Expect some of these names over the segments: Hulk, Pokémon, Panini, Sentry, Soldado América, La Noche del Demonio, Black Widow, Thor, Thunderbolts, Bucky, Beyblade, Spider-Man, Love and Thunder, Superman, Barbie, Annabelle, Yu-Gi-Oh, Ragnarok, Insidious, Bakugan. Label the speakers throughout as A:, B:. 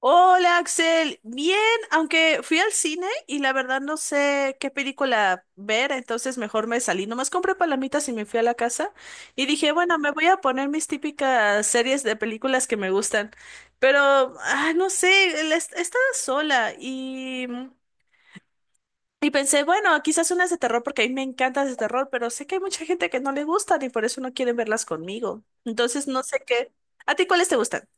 A: Hola Axel, bien, aunque fui al cine y la verdad no sé qué película ver, entonces mejor me salí. Nomás compré palomitas y me fui a la casa y dije, bueno, me voy a poner mis típicas series de películas que me gustan, pero no sé, estaba sola y pensé, bueno, quizás unas de terror porque a mí me encantan de terror, pero sé que hay mucha gente que no le gustan y por eso no quieren verlas conmigo. Entonces no sé qué. ¿A ti cuáles te gustan?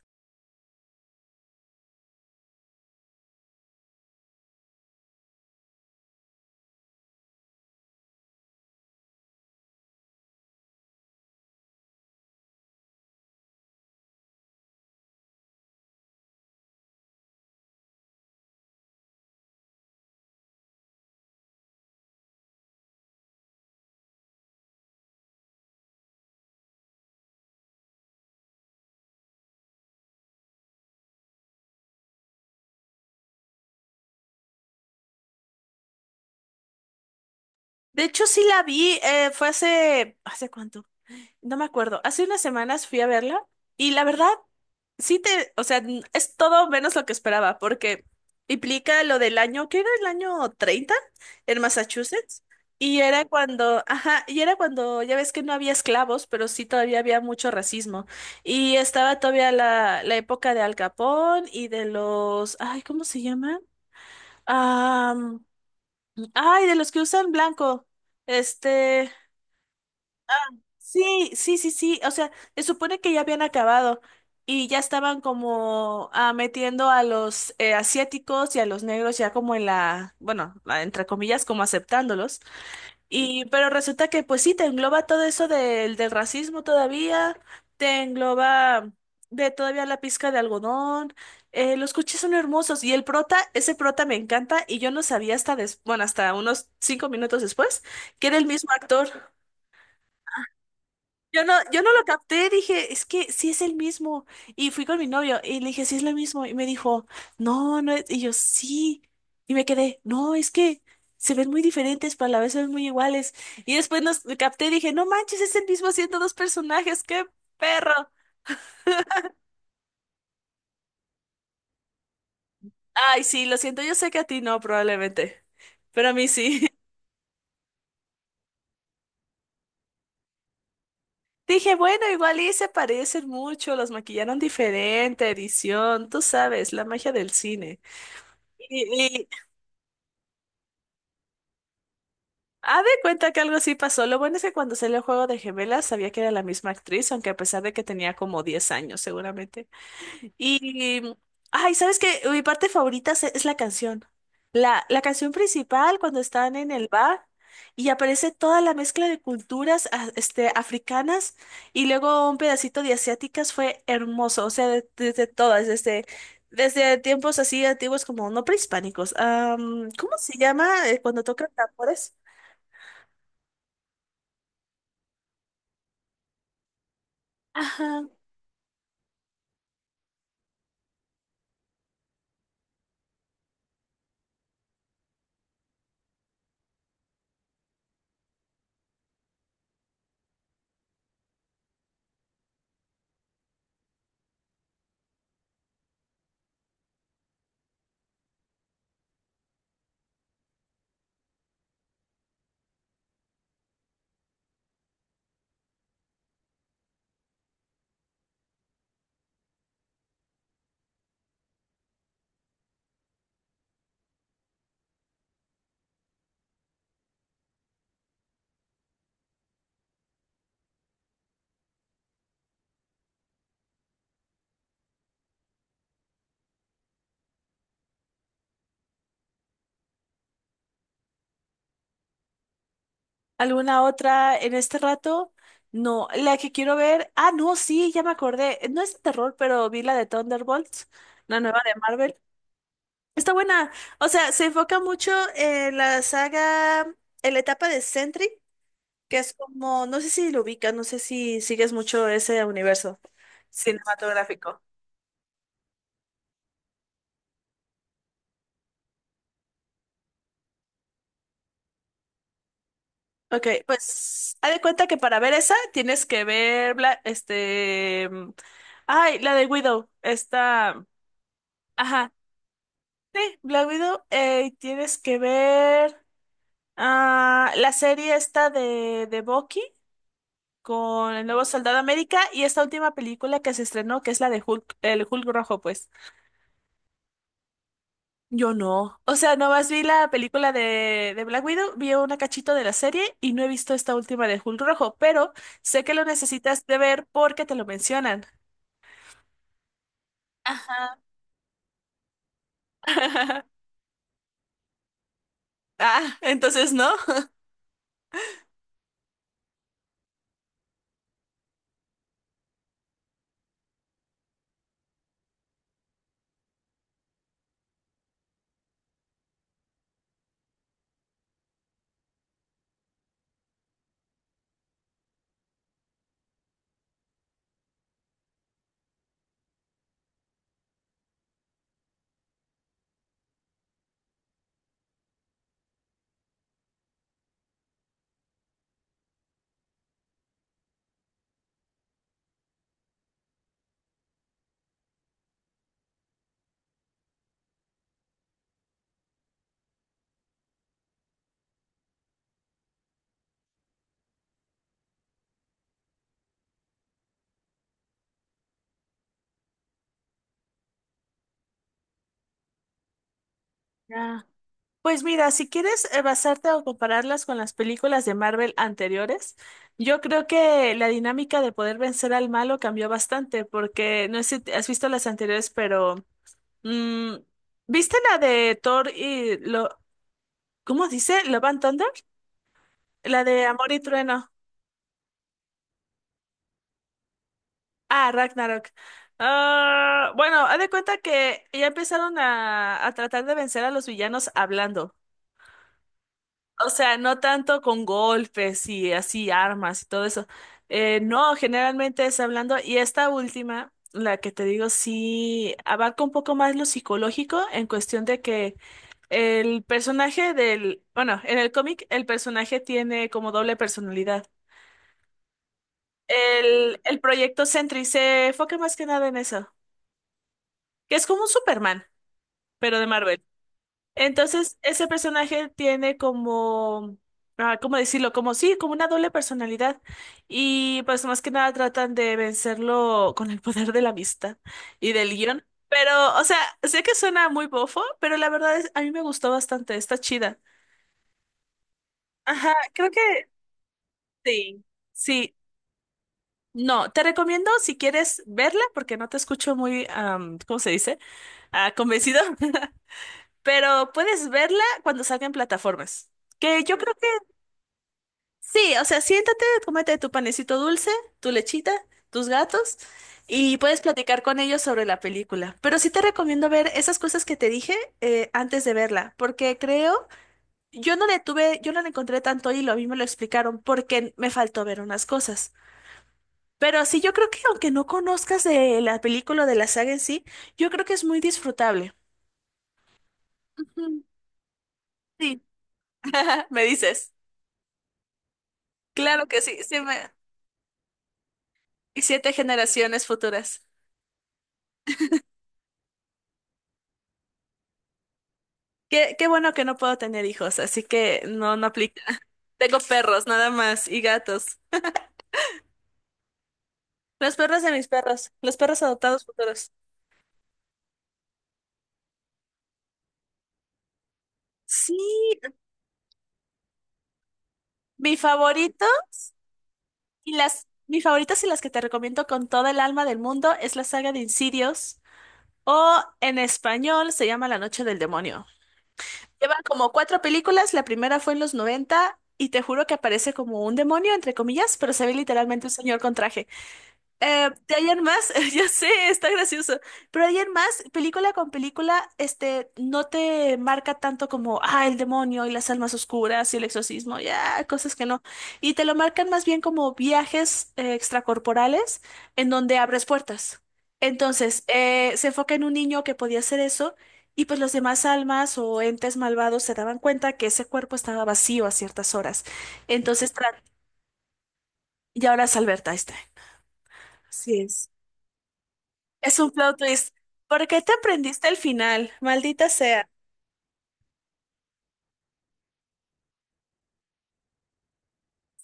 A: De hecho, sí la vi, fue hace, ¿hace cuánto? No me acuerdo. Hace unas semanas fui a verla y la verdad, sí te, o sea, es todo menos lo que esperaba, porque implica lo del año, que era el año 30 en Massachusetts, y era cuando, ajá, y era cuando ya ves que no había esclavos, pero sí todavía había mucho racismo. Y estaba todavía la época de Al Capone y de los, ay, ¿cómo se llaman? Ah, ay, de los que usan blanco. Este. Sí, sí, sí, sí. O sea, se supone que ya habían acabado y ya estaban como metiendo a los asiáticos y a los negros ya como en la, bueno, entre comillas, como aceptándolos. Y, pero resulta que pues sí, te engloba todo eso del racismo todavía, te engloba de todavía la pizca de algodón. Los coches son hermosos y el prota, ese prota me encanta y yo no sabía hasta, bueno, hasta unos 5 minutos después que era el mismo actor. Yo no lo capté, dije, es que sí es el mismo. Y fui con mi novio y le dije, sí es lo mismo. Y me dijo, no, no es. Y yo, sí. Y me quedé, no, es que se ven muy diferentes, pero a la vez se ven muy iguales. Y después nos capté y dije, no manches, es el mismo haciendo dos personajes, qué perro. Ay, sí, lo siento, yo sé que a ti no, probablemente. Pero a mí sí. Dije, bueno, igual y se parecen mucho, los maquillaron diferente, edición, tú sabes, la magia del cine. Y, de cuenta que algo sí pasó. Lo bueno es que cuando salió el juego de gemelas sabía que era la misma actriz, aunque a pesar de que tenía como 10 años seguramente. Y, ay, ¿sabes qué? Mi parte favorita es la canción. La canción principal cuando están en el bar y aparece toda la mezcla de culturas este, africanas y luego un pedacito de asiáticas fue hermoso. O sea, desde tiempos así antiguos como no prehispánicos. ¿Cómo se llama cuando tocan tambores? Ajá. ¿Alguna otra en este rato? No, la que quiero ver. No, sí, ya me acordé. No es de terror, pero vi la de Thunderbolts, la nueva de Marvel. Está buena. O sea, se enfoca mucho en la saga, en la etapa de Sentry, que es como, no sé si lo ubicas, no sé si sigues mucho ese universo cinematográfico. Ok, pues haz de cuenta que para ver esa tienes que ver, este, ay, la de Widow, esta. Ajá, sí, Black Widow, tienes que ver la serie esta de Bucky con el nuevo Soldado América y esta última película que se estrenó, que es la de Hulk, el Hulk rojo, pues. Yo no. O sea, nomás vi la película de Black Widow, vi una cachito de la serie y no he visto esta última de Hulk rojo, pero sé que lo necesitas de ver porque te lo mencionan. Ajá. Entonces no. Pues mira, si quieres basarte o compararlas con las películas de Marvel anteriores, yo creo que la dinámica de poder vencer al malo cambió bastante, porque no sé si has visto las anteriores, pero mm, ¿viste la de Thor y lo, ¿cómo dice? ¿Love and Thunder? La de Amor y Trueno. Ah, Ragnarok. Ah, bueno, haz de cuenta que ya empezaron a tratar de vencer a los villanos hablando. O sea, no tanto con golpes y así armas y todo eso. No, generalmente es hablando. Y esta última, la que te digo, sí abarca un poco más lo psicológico en cuestión de que el personaje del, bueno, en el cómic el personaje tiene como doble personalidad. El proyecto Sentry se enfoca más que nada en eso, que es como un Superman, pero de Marvel. Entonces, ese personaje tiene como, ¿cómo decirlo? Como sí, como una doble personalidad. Y pues más que nada tratan de vencerlo con el poder de la amistad y del guión. Pero, o sea, sé que suena muy bofo, pero la verdad es, a mí me gustó bastante, está chida. Ajá, creo que sí. Sí. No, te recomiendo si quieres verla, porque no te escucho muy, ¿cómo se dice? Convencido. Pero puedes verla cuando salga en plataformas. Que yo creo. Sí, o sea, siéntate, cómete tu panecito dulce, tu lechita, tus gatos y puedes platicar con ellos sobre la película. Pero sí te recomiendo ver esas cosas que te dije antes de verla, porque creo, yo no le tuve, yo no le encontré tanto hilo, a mí me lo explicaron porque me faltó ver unas cosas. Pero sí, yo creo que aunque no conozcas de la película o de la saga en sí, yo creo que es muy disfrutable. Ujú, sí, me dices. Claro que sí, sí me... y siete generaciones futuras. Qué bueno que no puedo tener hijos, así que no, no aplica. Tengo perros nada más y gatos. Los perros de mis perros, los perros adoptados futuros. Sí, mi favorito y mis favoritas y las que te recomiendo con toda el alma del mundo es la saga de Insidious o en español se llama La Noche del Demonio. Llevan como cuatro películas, la primera fue en los 90 y te juro que aparece como un demonio, entre comillas, pero se ve literalmente un señor con traje. De ahí en más, ya sé, está gracioso, pero de ahí en más, película con película, este, no te marca tanto como, el demonio y las almas oscuras y el exorcismo, ya, cosas que no, y te lo marcan más bien como viajes extracorporales en donde abres puertas. Entonces, se enfoca en un niño que podía hacer eso y pues los demás almas o entes malvados se daban cuenta que ese cuerpo estaba vacío a ciertas horas. Entonces, y ahora es Alberta, ahí está. Así es. Es un plot twist. ¿Por qué te aprendiste el final? Maldita sea.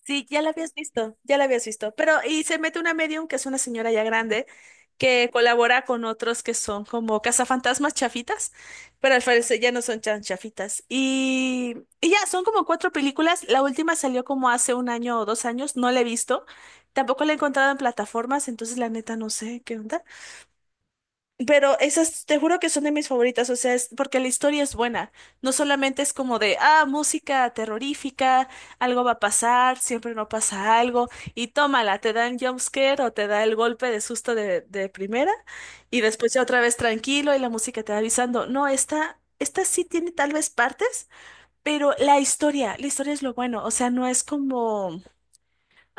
A: Sí, ya la habías visto, ya la habías visto. Pero, y se mete una medium, que es una señora ya grande, que colabora con otros que son como cazafantasmas chafitas, pero al parecer ya no son tan chafitas. Y ya, son como cuatro películas. La última salió como hace un año o 2 años, no la he visto. Tampoco la he encontrado en plataformas, entonces la neta no sé qué onda. Pero esas, te juro que son de mis favoritas, o sea, es porque la historia es buena. No solamente es como de, música terrorífica, algo va a pasar, siempre no pasa algo, y tómala, te dan jumpscare o te da el golpe de susto de primera, y después ya otra vez tranquilo y la música te va avisando. No, esta sí tiene tal vez partes, pero la historia es lo bueno, o sea, no es como.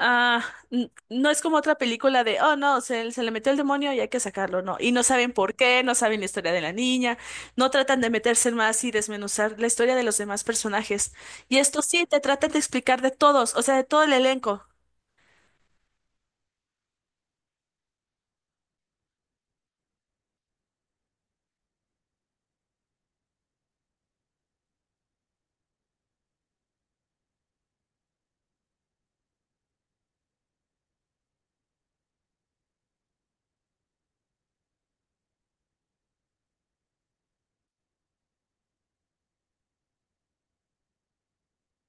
A: Ah, no es como otra película de, oh no, se le metió el demonio y hay que sacarlo, no. Y no saben por qué, no saben la historia de la niña, no tratan de meterse más y desmenuzar la historia de los demás personajes. Y esto sí, te tratan de explicar de todos, o sea, de todo el elenco.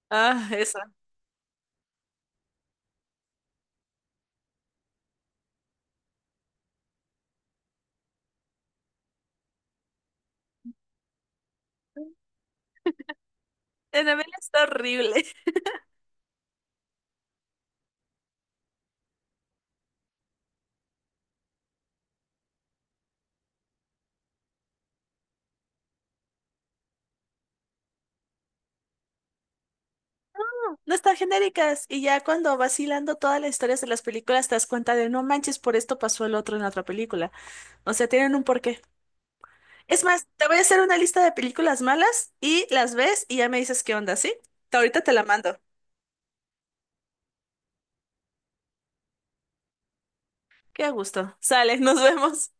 A: Ah, esa. Annabelle está horrible. No están genéricas. Y ya cuando vacilando todas las historias de las películas te das cuenta de, no manches, por esto pasó el otro en la otra película. O sea, tienen un porqué. Es más, te voy a hacer una lista de películas malas y las ves y ya me dices qué onda, ¿sí? Ahorita te la mando. Qué gusto. Sale, nos vemos.